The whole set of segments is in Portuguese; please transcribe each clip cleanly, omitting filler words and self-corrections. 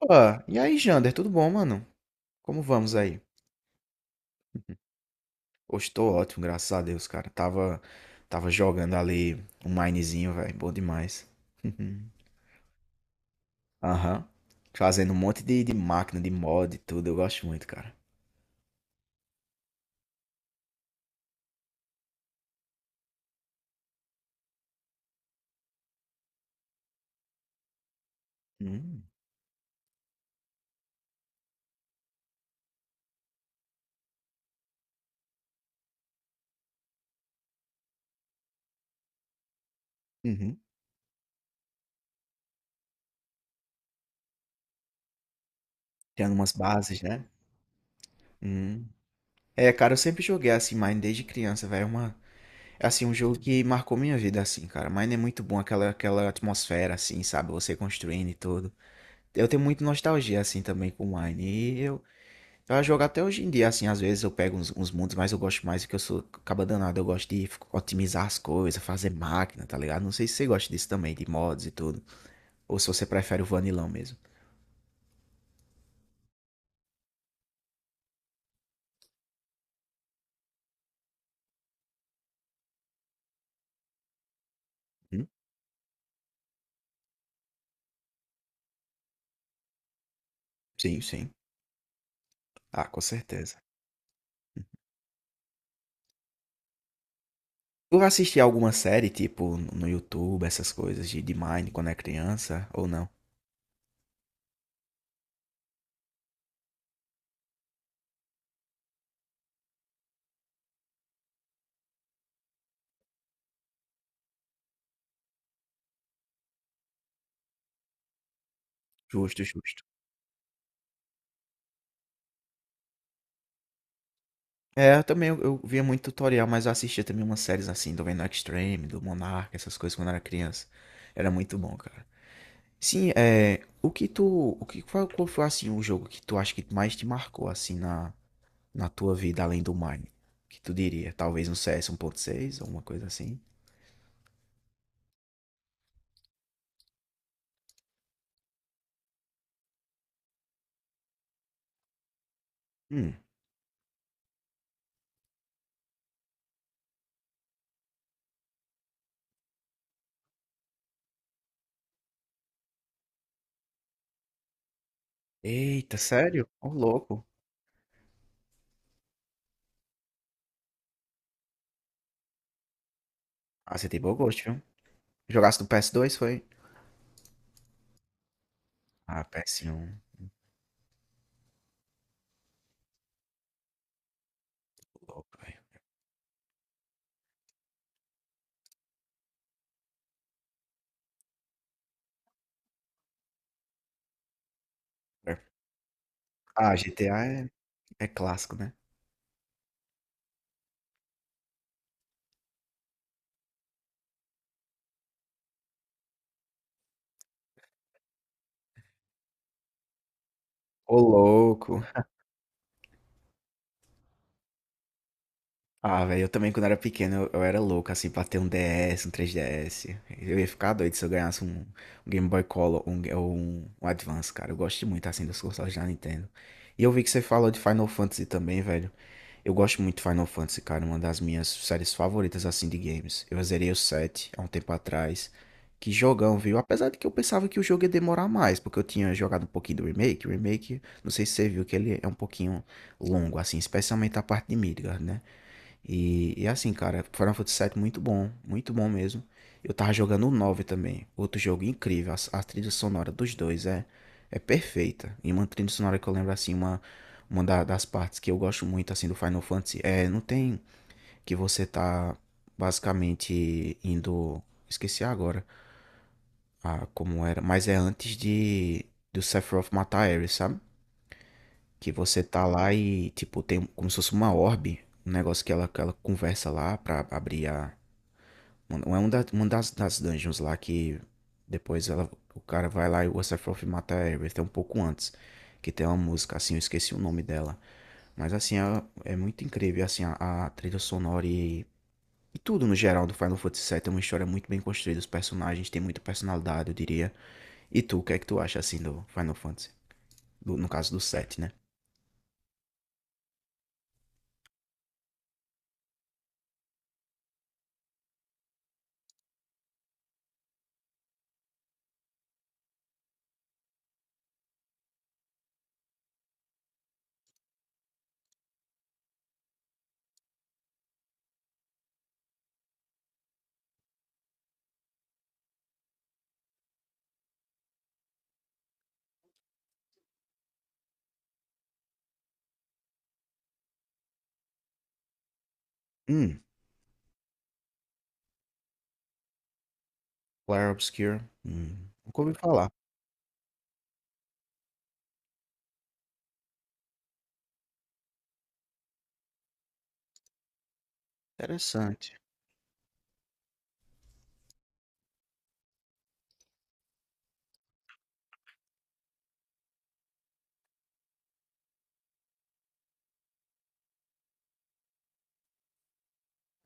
Opa! E aí, Jander, tudo bom, mano? Como vamos aí? Hoje tô ótimo, graças a Deus, cara. Tava jogando ali um minezinho, velho. Bom demais. Aham. Fazendo um monte de máquina, de mod e tudo. Eu gosto muito, cara. Hum. Uhum. Criando umas bases, né? Hum. É, cara, eu sempre joguei assim Mine desde criança, velho. É assim, um jogo que marcou minha vida assim, cara. Mine é muito bom, aquela atmosfera assim, sabe? Você construindo e tudo. Eu tenho muita nostalgia assim também com Mine. Eu jogo até hoje em dia, assim, às vezes eu pego uns mundos, mas eu gosto mais porque eu sou caba danado, eu gosto de otimizar as coisas, fazer máquina, tá ligado? Não sei se você gosta disso também, de mods e tudo, ou se você prefere o vanilão mesmo. Hum? Sim, sim. Ah, com certeza. Tu assistia alguma série, tipo, no YouTube, essas coisas de Mine quando é criança, ou não? Justo, justo. É, eu também, eu via muito tutorial, mas eu assistia também umas séries assim, do Venom Extreme, do Monarca, essas coisas quando eu era criança. Era muito bom, cara. Sim, é. O que tu. Qual foi assim um jogo que tu acha que mais te marcou assim na tua vida, além do Mine? Que tu diria? Talvez um CS 1.6 ou uma coisa assim? Hum. Eita, sério? Ô, louco. Ah, você tem bom gosto, viu? Jogasse no PS2 foi? Ah, PS1. Louco, velho. É. Ah, GTA é clássico, né? Ô, louco. Ah, velho, eu também quando era pequeno eu era louco, assim, pra ter um DS, um 3DS. Eu ia ficar doido se eu ganhasse um Game Boy Color ou um Advance, cara. Eu gosto muito, assim, dos consoles da Nintendo. E eu vi que você falou de Final Fantasy também, velho. Eu gosto muito de Final Fantasy, cara, uma das minhas séries favoritas, assim, de games. Eu zerei o 7 há um tempo atrás. Que jogão, viu? Apesar de que eu pensava que o jogo ia demorar mais, porque eu tinha jogado um pouquinho do remake. O remake, não sei se você viu, que ele é um pouquinho longo, assim, especialmente a parte de Midgard, né? E assim, cara, Final Fantasy VII muito bom mesmo. Eu tava jogando o 9 também, outro jogo incrível. A trilha sonora dos dois é perfeita. E uma trilha sonora que eu lembro assim, uma das partes que eu gosto muito assim do Final Fantasy é, não tem que você tá basicamente indo, esqueci agora, ah, como era, mas é antes de do Sephiroth matar a Ares, sabe? Que você tá lá e, tipo, tem como se fosse uma orbe, um negócio que ela conversa lá pra abrir. Mano, é uma das dungeons lá que depois o cara vai lá e o Sephiroth mata a Aerith, é um pouco antes. Que tem uma música, assim, eu esqueci o nome dela. Mas assim, é muito incrível, assim, a trilha sonora e tudo no geral do Final Fantasy VII. É uma história muito bem construída, os personagens têm muita personalidade, eu diria. E tu, o que é que tu acha, assim, do Final Fantasy? No caso do 7, né? Hum. Clair Obscur, nunca ouvi falar. Interessante.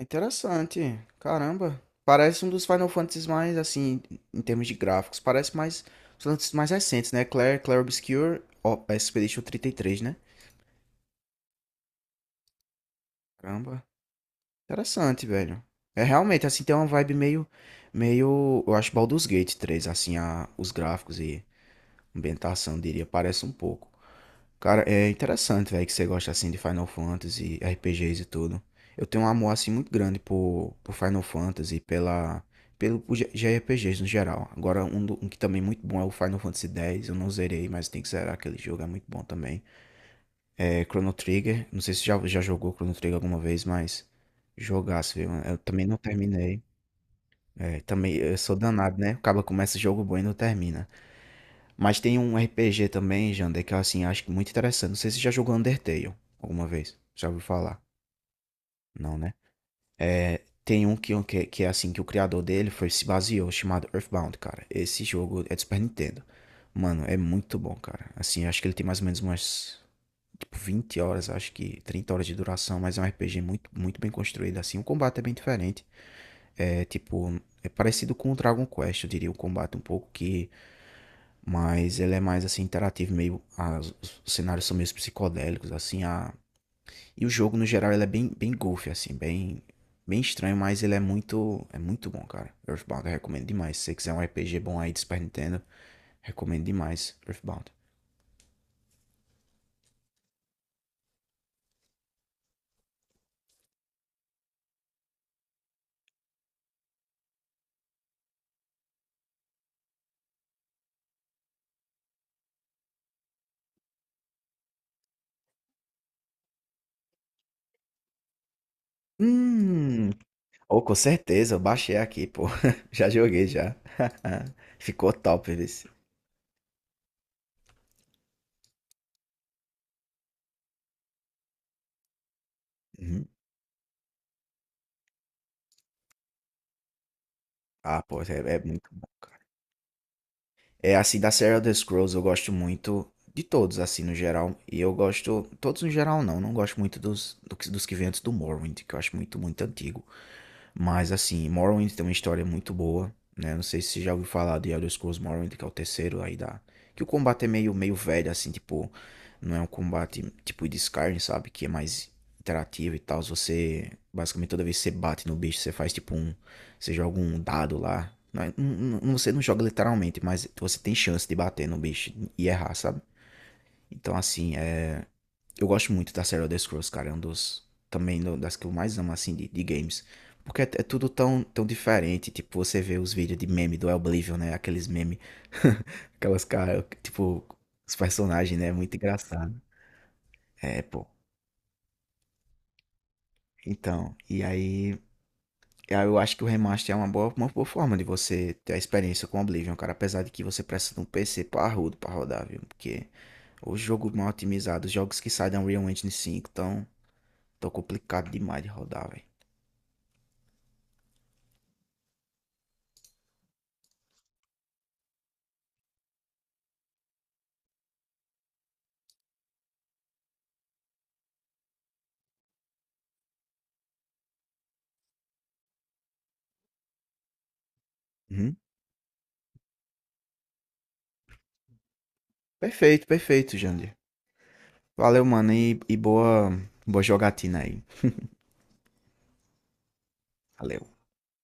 Interessante. Caramba. Parece um dos Final Fantasies mais, assim, em termos de gráficos. Parece mais. Os Final Fantasies mais recentes, né? Clair Obscur, ó, Expedition 33, né? Caramba. Interessante, velho. É realmente, assim, tem uma vibe meio. Eu acho Baldur's Gate 3 assim, os gráficos e ambientação, diria. Parece um pouco. Cara, é interessante, velho, que você gosta assim de Final Fantasy, RPGs e tudo. Eu tenho um amor assim muito grande por Final Fantasy, pela pelo por G- JRPGs no geral. Agora um que também é muito bom é o Final Fantasy X, eu não zerei, mas tem que zerar aquele jogo, é muito bom também. É Chrono Trigger, não sei se já jogou Chrono Trigger alguma vez, mas jogasse, viu? Eu também não terminei. É, também eu sou danado, né? Acaba começa jogo bom e não termina. Mas tem um RPG também, Jander, que eu assim, acho que muito interessante. Não sei se você já jogou Undertale alguma vez. Já ouviu falar? Não, né? É, tem um que é assim, que o criador dele foi, se baseou, chamado Earthbound, cara. Esse jogo é de Super Nintendo. Mano, é muito bom, cara. Assim, eu acho que ele tem mais ou menos umas, tipo, 20 horas, acho que 30 horas de duração, mas é um RPG muito, muito bem construído, assim. O combate é bem diferente. É, tipo, é parecido com o Dragon Quest, eu diria, o combate um pouco que mas ele é mais assim interativo, os cenários são meio psicodélicos, assim, a e o jogo no geral ele é bem goofy assim, bem estranho, mas ele é muito bom, cara. Earthbound eu recomendo demais. Se você quiser um RPG bom aí de Super Nintendo, recomendo demais Earthbound. Hum, oh, com certeza, eu baixei aqui, pô. Já joguei já. Ficou top, esse. Uhum. Ah, pô, é muito bom. É, assim, da série Elder Scrolls eu gosto muito de todos, assim, no geral. E eu gosto. Todos no geral não, não gosto muito dos que vêm antes do Morrowind, que eu acho muito, muito antigo. Mas assim, Morrowind tem uma história muito boa, né? Não sei se você já ouviu falar de Elder Scrolls Morrowind, que é o terceiro aí da... Que o combate é meio velho, assim, tipo... Não é um combate tipo de Skyrim, sabe? Que é mais interativo e tal. Você, basicamente, toda vez que você bate no bicho, você faz tipo um... Você joga um dado lá. Não, você não joga literalmente, mas você tem chance de bater no bicho e errar, sabe? Então, assim, eu gosto muito da série Elder Scrolls, cara. É um dos. Também das que eu mais amo, assim, de games. Porque é tudo tão, tão diferente. Tipo, você vê os vídeos de meme do Oblivion, né? Aqueles meme. Aquelas caras. Tipo, os personagens, né? Muito engraçado. É, pô. Então. E aí, eu acho que o remaster é uma boa forma de você ter a experiência com Oblivion, cara. Apesar de que você precisa de um PC parrudo pra rodar, viu? Porque o jogo mal otimizado, os jogos que saem da Unreal Engine 5 tão tão complicado demais de rodar, velho. Uhum. Perfeito, perfeito, Jandir. Valeu, mano, e boa, boa jogatina aí. Valeu.